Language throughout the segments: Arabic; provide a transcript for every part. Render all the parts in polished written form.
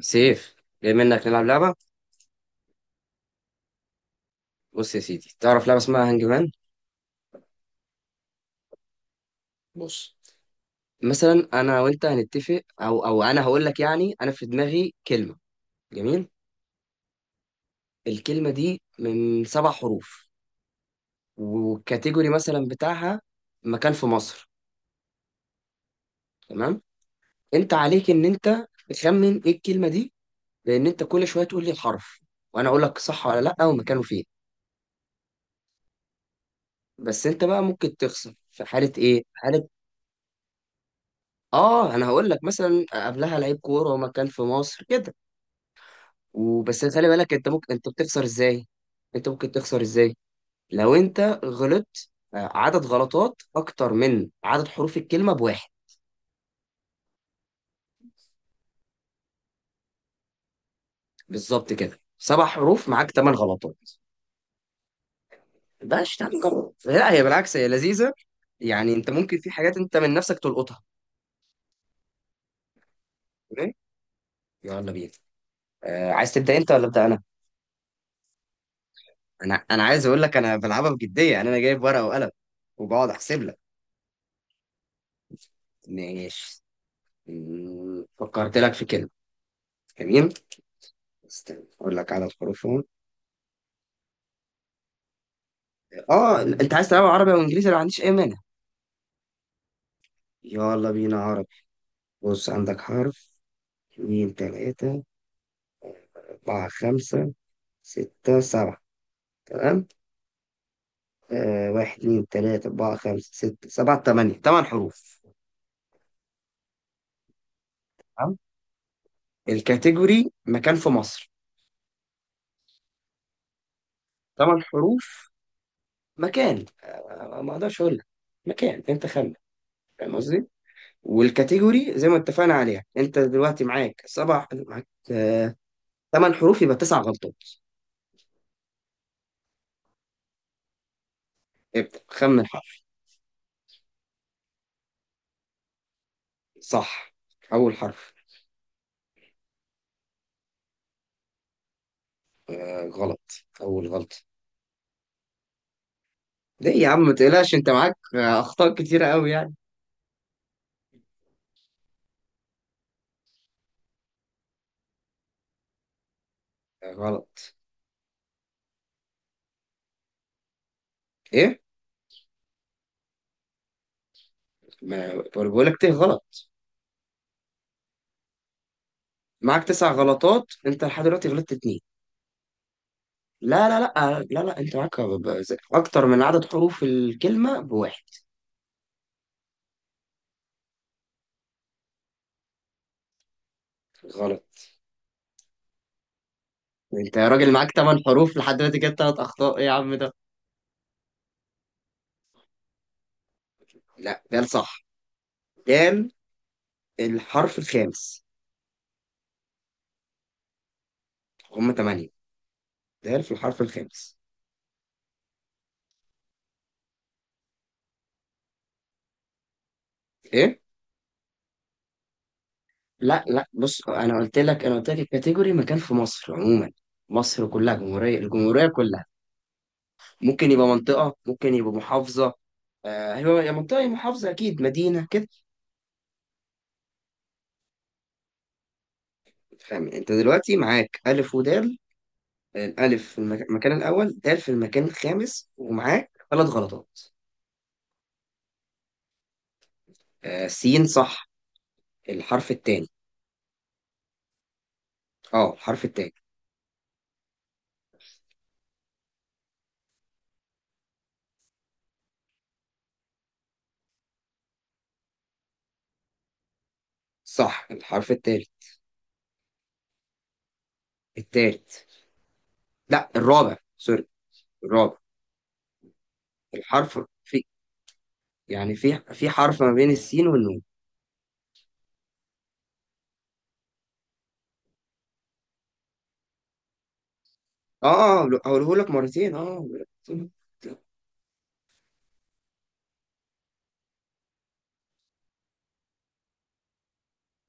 سيف، جاي منك نلعب لعبة. بص يا سيدي، تعرف لعبة اسمها هانج مان؟ بص، مثلا انا وانت هنتفق، او انا هقول لك، يعني انا في دماغي كلمة. جميل. الكلمة دي من 7 حروف، والكاتيجوري مثلا بتاعها مكان في مصر. تمام. انت عليك ان انت تخمن ايه الكلمة دي، لان انت كل شوية تقول لي الحرف وانا اقول لك صح ولا لا ومكانه فين. بس انت بقى ممكن تخسر في حالة، ايه حالة؟ اه، انا هقول لك مثلا قبلها لعيب كورة ومكان في مصر كده. وبس خلي بالك، انت بتخسر ازاي؟ انت ممكن تخسر ازاي؟ لو انت غلطت، عدد غلطات اكتر من عدد حروف الكلمه بواحد. بالظبط كده، 7 حروف معاك 8 غلطات. ده شتنجر، لا، هي بالعكس، هي لذيذه. يعني انت ممكن، في حاجات انت من نفسك تلقطها. تمام، يلا بينا. عايز تبدا انت ولا ابدا انا؟ انا عايز اقول لك، انا بلعبها بجديه، يعني انا جايب ورقه وقلم وبقعد احسب لك. ماشي. فكرت لك في كلمه. جميل. استنى اقول لك على الحروفهم. اه، انت عايز تلعب عربي او انجليزي؟ انا ما عنديش اي مانع. يلا بينا عربي. بص، عندك حرف، اتنين، تلاتة، أربعة، خمسة، ستة، سبعة. تمام. واحد، اتنين، تلاتة، أربعة، خمسة، ستة، سبعة، تمانية. 8 حروف. تمام. الكاتيجوري مكان في مصر. 8 حروف. مكان، ما اقدرش اقول لك مكان، انت خمن. فاهم قصدي؟ والكاتيجوري زي ما اتفقنا عليها. انت دلوقتي معاك سبع معاك آه 8 حروف يبقى 9 غلطات. ابدأ خمن حرف. صح. أول حرف. آه غلط. أول غلط. ليه يا عم، ما تقلقش. أنت معاك أخطاء كتيرة أوي يعني. آه، غلط. إيه؟ ما بقول لك تيه غلط. معاك 9 غلطات. أنت لحد دلوقتي غلطت اتنين. لا لا لا لا لا، أنت معاك أكتر من عدد حروف الكلمة بواحد. غلط. أنت يا راجل معاك 8 حروف لحد دلوقتي جبت 3 أخطاء إيه يا عم ده؟ لا ده صح. ده الحرف الخامس. هما تمانية، ده في الحرف الخامس. إيه؟ لا لا، بص، انا قلت لك الكاتيجوري مكان في مصر عموما. مصر كلها جمهوريه، الجمهوريه كلها. ممكن يبقى منطقه، ممكن يبقى محافظه. آه، هو يا منطقه يا محافظه، اكيد مدينه كده. فاهم؟ انت دلوقتي معاك الف ودال. الالف في المكان الاول، دال في المكان الخامس، ومعاك 3 غلطات. آه سين صح. الحرف الثاني. اه الحرف الثاني. صح الحرف الثالث. الثالث، لا، الرابع، سوري. الرابع. الحرف في، يعني في حرف ما بين السين والنون. اه اه، هقوله لك مرتين، اه هقوله لك مرتين.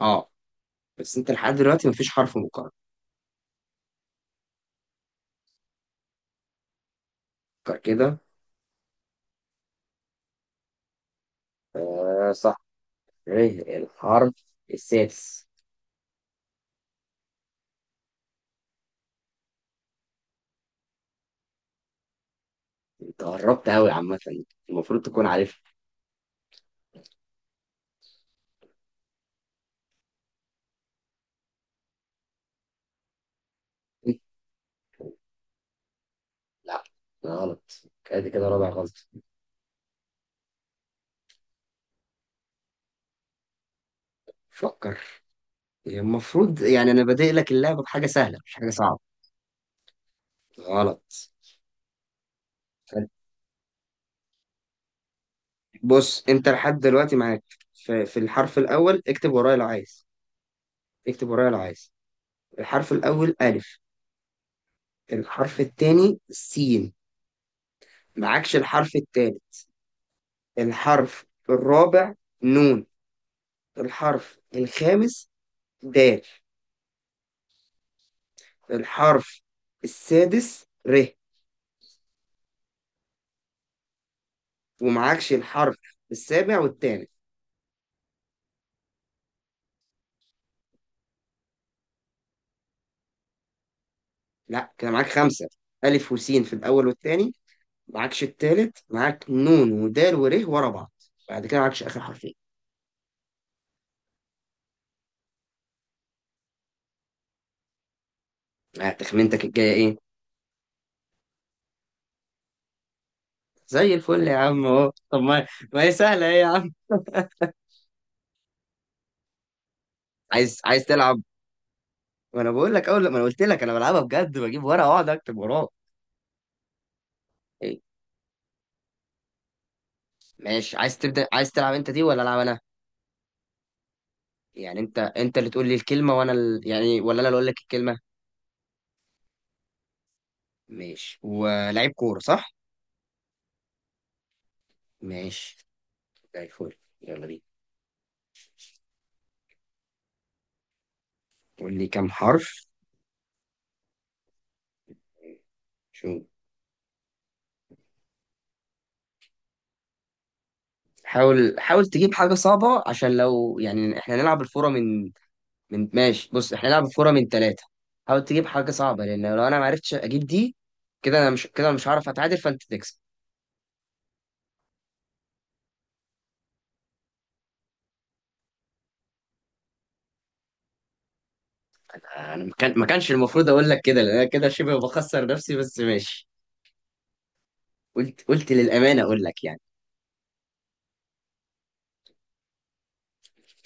اه. بس انت لحد دلوقتي مفيش حرف مكرر. فكر كده. آه صح. ايه الحرف السادس؟ انت قربت قوي عامة. المفروض تكون عارفها. لا، غلط. ادي كده رابع غلط. فكر. يعني المفروض، يعني انا بادئ لك اللعبة بحاجة سهلة مش حاجة صعبة. غلط. بص، انت لحد دلوقتي معاك في الحرف الاول. اكتب ورايا لو عايز. اكتب ورايا لو عايز. الحرف الاول الف. الحرف التاني سين. معكش الحرف التالت. الحرف الرابع نون. الحرف الخامس دال. الحرف السادس ر. ومعكش الحرف السابع والثامن. لا، كده معاك خمسة. ألف وسين في الأول والتاني. معكش التالت. معاك نون ودال ورا بعض. بعد كده معكش آخر حرفين. تخمينتك الجاية إيه؟ زي الفل يا عم أهو. طب ما، ما هي سهلة، إيه يا عم؟ عايز عايز تلعب؟ ما انا بقول لك، اول لما انا قلت لك انا بلعبها بجد، بجيب ورقه واقعد اكتب وراه. إيه؟ ماشي، عايز تلعب انت دي ولا العب انا؟ يعني انت اللي تقول لي الكلمه وانا يعني، ولا انا اللي اقول لك الكلمه؟ ماشي، ولعيب كوره صح؟ ماشي، زي الفل، يلا بينا. قول لي كام حرف. شو، حاول حاول تجيب حاجه صعبه، عشان لو يعني احنا نلعب الفوره من. ماشي، بص، احنا نلعب الفوره من ثلاثه. حاول تجيب حاجه صعبه، لان لو انا ما عرفتش اجيب دي، كده انا مش هعرف اتعادل فانت تكسب. انا ما كانش المفروض اقول لك كده، لان انا كده شبه بخسر نفسي، بس ماشي، قلت للامانه اقول لك يعني.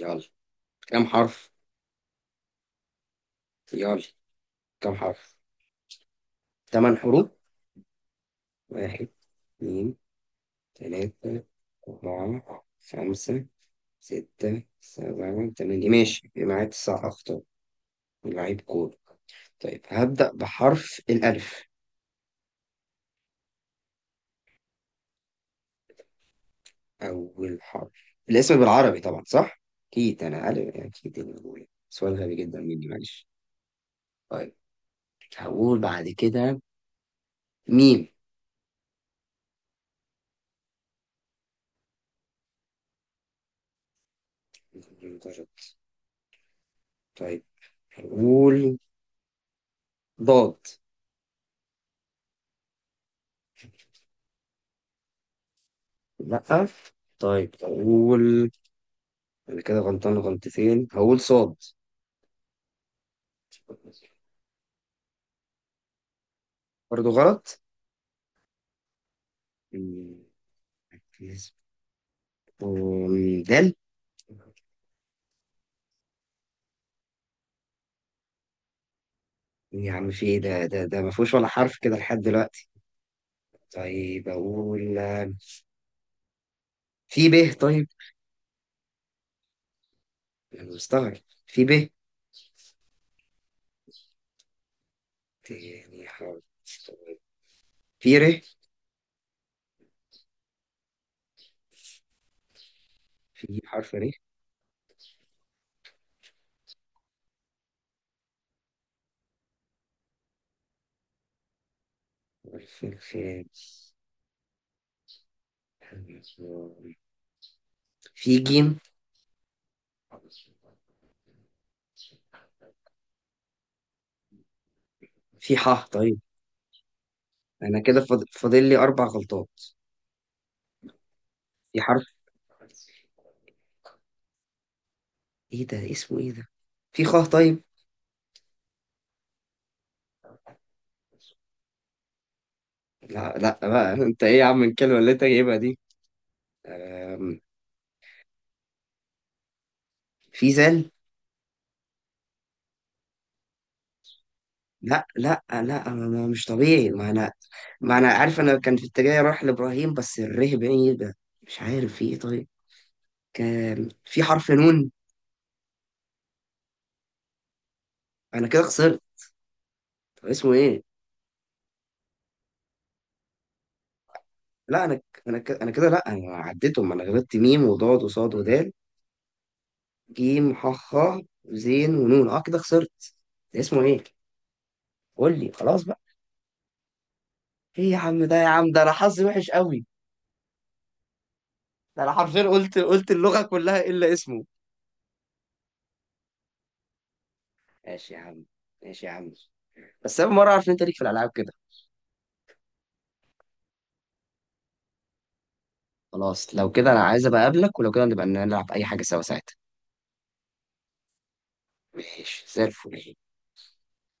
يلا، كم حرف؟ يلا، كم حرف؟ 8 حروف. واحد، اثنين، ثلاثة، أربعة، خمسة، ستة، سبعة، ثمانية. ماشي، يبقى معايا 9 أخطاء. لعيب كورة. طيب هبدأ بحرف الألف. أول حرف الاسم بالعربي طبعا، صح؟ أكيد أنا عارف، أكيد إني بقول سؤال غبي جدا مني، معلش. طيب. هقول بعد كده ميم. درجات. طيب أقول ضاد. لأ. طيب أقول، أنا كده غلطان غلطتين، هقول صاد. برضه غلط. مم، ركز. دال. يا عم في إيه؟ ده ما فيهوش ولا حرف كده لحد دلوقتي. طيب أقول في ب طيب. أنا مستغرب. في ب تاني حرف. في ر. في حرف ر. حرف الخامس. في ج. في ح طيب. انا كده فاضل لي 4 غلطات. في حرف، ايه ده، اسمه ايه ده؟ في خ طيب. لا لا بقى انت ايه يا عم الكلمه اللي انت جايبها دي؟ أم، في زل. لا لا لا مش طبيعي. ما انا عارف، انا كان في اتجاهي اروح لابراهيم بس الره بعيد ده. مش عارف في ايه طيب. كان في حرف نون. انا كده خسرت. طب اسمه ايه؟ لا، انا ك- انا ك- انا كده لا انا عديتهم. انا غلطت ميم وضاد وصاد ودال، جيم، ح، خ، زين ونون. اه كده خسرت. اسمه ايه؟ قول لي خلاص بقى. ايه يا عم ده، يا عم ده انا حظي وحش قوي. ده انا حرفيا قلت اللغه كلها الا اسمه. ماشي يا عم، ماشي يا عم. بس اول مره اعرف ان انت ليك في الالعاب كده. خلاص لو كده، انا عايز ابقى اقابلك، ولو كده نبقى نلعب اي حاجه سوا ساعتها. ماشي زي الفل.